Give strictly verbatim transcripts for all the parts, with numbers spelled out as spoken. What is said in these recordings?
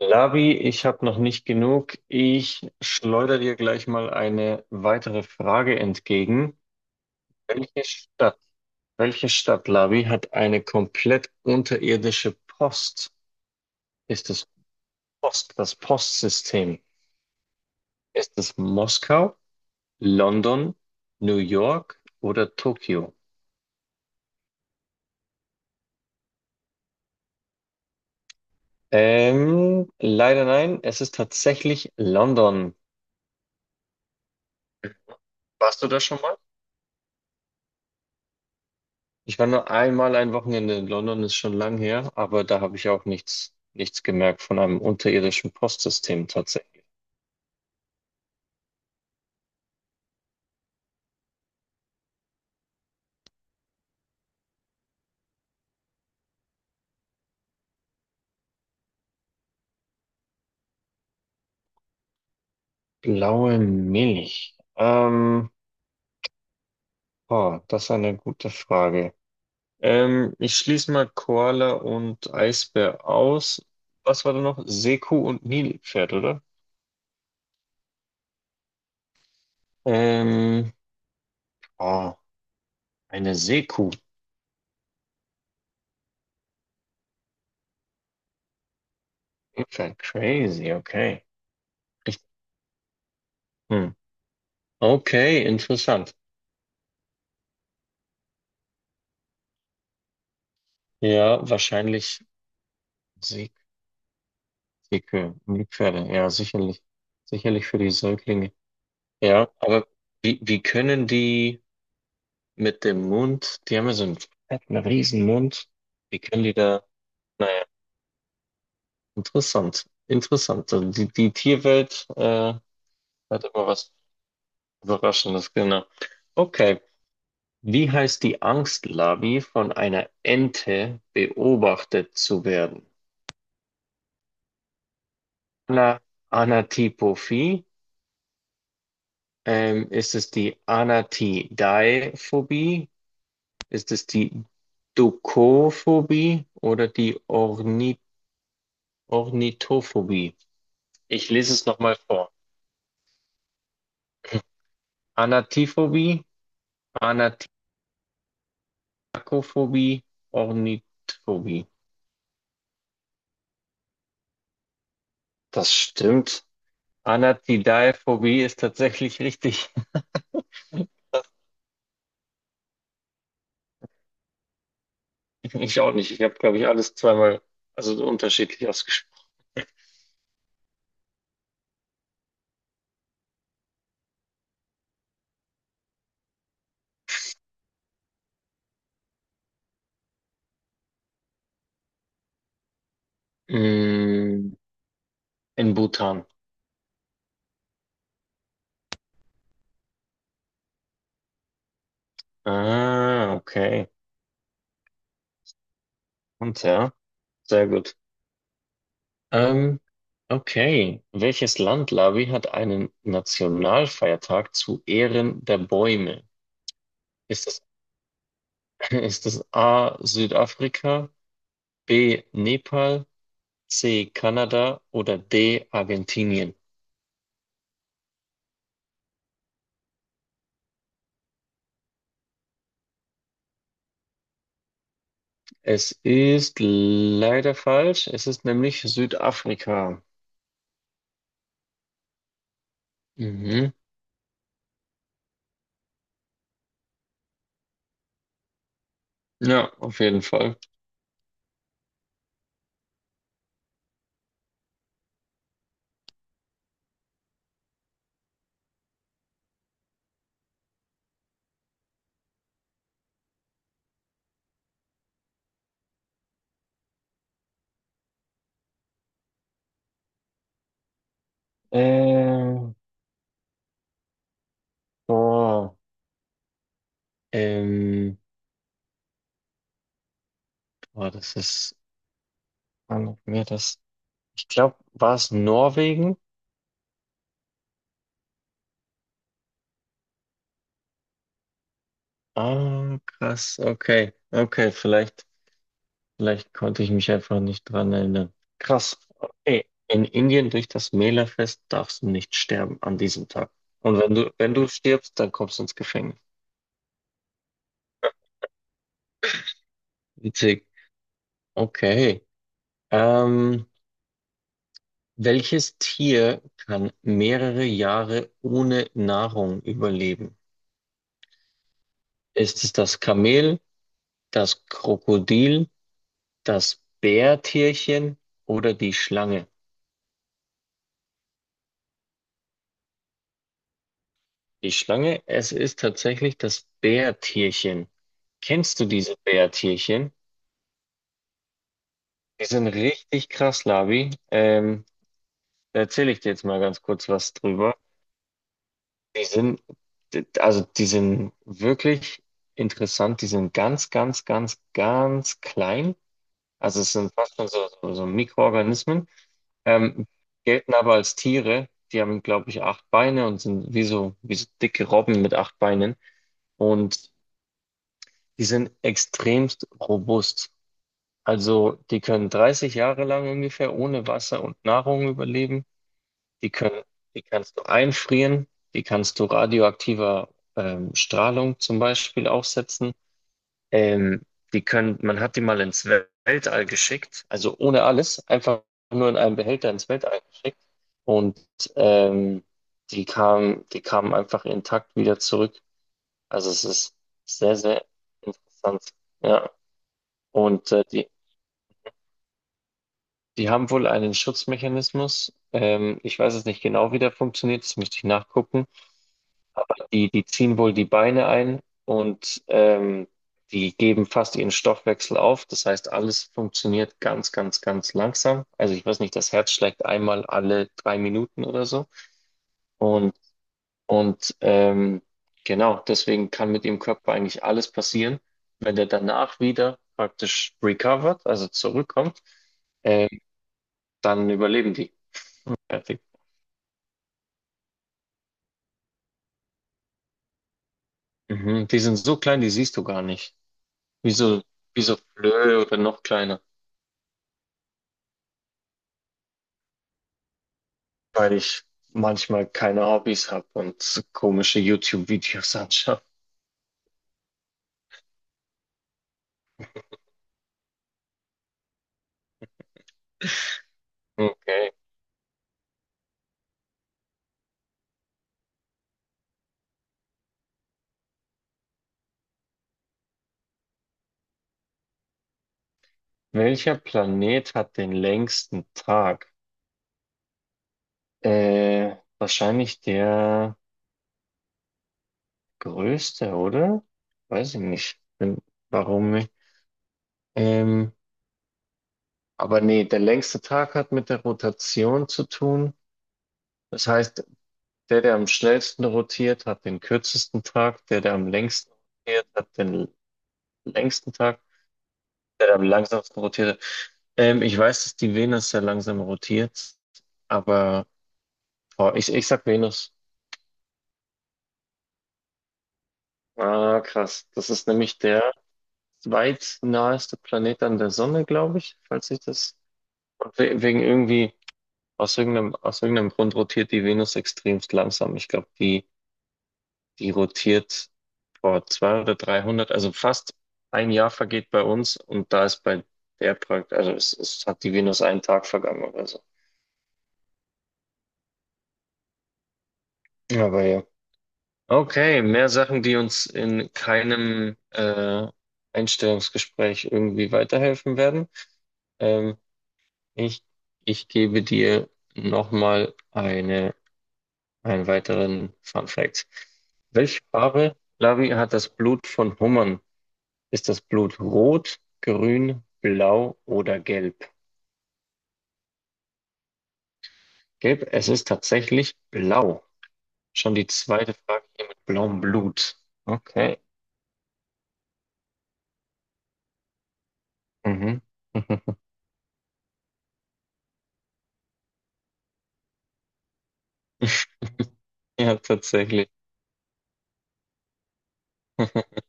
Labi, ich habe noch nicht genug. Ich schleudere dir gleich mal eine weitere Frage entgegen. Welche Stadt, welche Stadt, Labi, hat eine komplett unterirdische Post? Ist es Post, das Postsystem? Ist es Moskau, London, New York oder Tokio? Ähm, leider nein, es ist tatsächlich London. Warst du da schon mal? Ich war nur einmal ein Wochenende in London, ist schon lang her, aber da habe ich auch nichts, nichts gemerkt von einem unterirdischen Postsystem tatsächlich. Blaue Milch. Ähm, oh, das ist eine gute Frage. Ähm, ich schließe mal Koala und Eisbär aus. Was war da noch? Seekuh und Nilpferd, oder? Ähm, oh, eine Seekuh. Nilpferd, crazy, okay. Ich, hm. Okay, interessant. Ja, wahrscheinlich. Dicke Müllpferde, ja, sicherlich. Sicherlich für die Säuglinge. Ja, aber wie, wie können die mit dem Mund, die haben ja so einen fetten riesen Mund. Wie können die da, naja, interessant, interessant. Also die, die Tierwelt, äh, hat immer was Überraschendes, genau. Okay, wie heißt die Angstlarvi von einer Ente beobachtet zu werden? Ana, Anatipophie, ähm, ist es die Anatidaephobie? Ist es die Dukophobie oder die Orni Ornithophobie? Ich lese es nochmal vor. Anatiphobie, Anatiakophobie, Ornithophobie. Das stimmt. Anatidaephobie ist tatsächlich richtig. Ich auch nicht. Ich habe, glaube ich, alles zweimal, also unterschiedlich ausgesprochen. Mm, in Bhutan. Ah, okay. Und ja, sehr gut. Ähm, okay. Welches Land, Lavi, hat einen Nationalfeiertag zu Ehren der Bäume? Ist es, ist es A. Südafrika, B. Nepal, C. Kanada oder D. Argentinien? Es ist leider falsch. Es ist nämlich Südafrika. Mhm. Ja, auf jeden Fall. Ähm, Boah. Ähm, Boah, das ist, wann hatten wir das? Ich glaube, war es Norwegen? Ah, krass, okay, okay, vielleicht, vielleicht konnte ich mich einfach nicht dran erinnern. Krass, okay. In Indien durch das Mela-Fest darfst du nicht sterben an diesem Tag. Und wenn du, wenn du stirbst, dann kommst du ins Gefängnis. Witzig. Okay. Ähm, Welches Tier kann mehrere Jahre ohne Nahrung überleben? Ist es das Kamel, das Krokodil, das Bärtierchen oder die Schlange? Die Schlange, es ist tatsächlich das Bärtierchen. Kennst du diese Bärtierchen? Die sind richtig krass, Labi. Ähm, da erzähle ich dir jetzt mal ganz kurz was drüber. Die sind, d- also die sind wirklich interessant. Die sind ganz, ganz, ganz, ganz klein. Also es sind fast schon so, so, so Mikroorganismen. Ähm, Gelten aber als Tiere. Die haben, glaube ich, acht Beine und sind wie so, wie so dicke Robben mit acht Beinen. Und die sind extremst robust. Also die können dreißig Jahre lang ungefähr ohne Wasser und Nahrung überleben. Die können, die kannst du einfrieren, die kannst du radioaktiver ähm, Strahlung zum Beispiel aussetzen. Ähm, die können, Man hat die mal ins Wel- Weltall geschickt, also ohne alles, einfach nur in einem Behälter ins Weltall geschickt. Und ähm, die kamen, die kamen einfach intakt wieder zurück. Also es ist sehr, sehr interessant. Ja. Und äh, die, die haben wohl einen Schutzmechanismus. Ähm, ich weiß es nicht genau, wie der funktioniert, das müsste ich nachgucken. Die, die ziehen wohl die Beine ein und ähm, die geben fast ihren Stoffwechsel auf. Das heißt, alles funktioniert ganz, ganz, ganz langsam. Also ich weiß nicht, das Herz schlägt einmal alle drei Minuten oder so. Und, und ähm, genau, deswegen kann mit dem Körper eigentlich alles passieren. Wenn der danach wieder praktisch recovered, also zurückkommt, äh, dann überleben die. Perfekt. Mhm. Die sind so klein, die siehst du gar nicht. Wie so, wie so Flöhe oder noch kleiner. Weil ich manchmal keine Hobbys habe und komische YouTube-Videos anschaue. Okay. Welcher Planet hat den längsten Tag? Äh, wahrscheinlich der größte, oder? Weiß ich nicht. Bin- Warum nicht? Ähm, aber nee, der längste Tag hat mit der Rotation zu tun. Das heißt, der, der am schnellsten rotiert, hat den kürzesten Tag. Der, der am längsten rotiert, hat den längsten Tag. Der, der am langsamsten rotiert. Ähm, ich weiß, dass die Venus sehr langsam rotiert, aber boah, ich, ich sag Venus. Ah, krass. Das ist nämlich der zweitnaheste Planet an der Sonne, glaube ich, falls ich das. Und we- wegen irgendwie, aus irgendeinem, aus irgendeinem Grund rotiert die Venus extremst langsam. Ich glaube, die Die rotiert vor zweihundert oder dreihundert, also fast ein Jahr vergeht bei uns und da ist bei der praktisch, also es, es hat die Venus einen Tag vergangen oder so. Aber ja. Okay, mehr Sachen, die uns in keinem äh, Einstellungsgespräch irgendwie weiterhelfen werden. Ähm, ich, ich gebe dir nochmal eine, einen weiteren Fun Fact. Welche Farbe, Lavi, hat das Blut von Hummern? Ist das Blut rot, grün, blau oder gelb? Gelb, es ist tatsächlich blau. Schon die zweite Frage hier mit blauem Blut. Okay. Mhm. Ja, tatsächlich.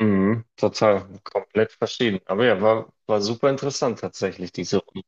Mhm. Total, komplett verschieden. Aber ja, war, war super interessant tatsächlich, diese Runde.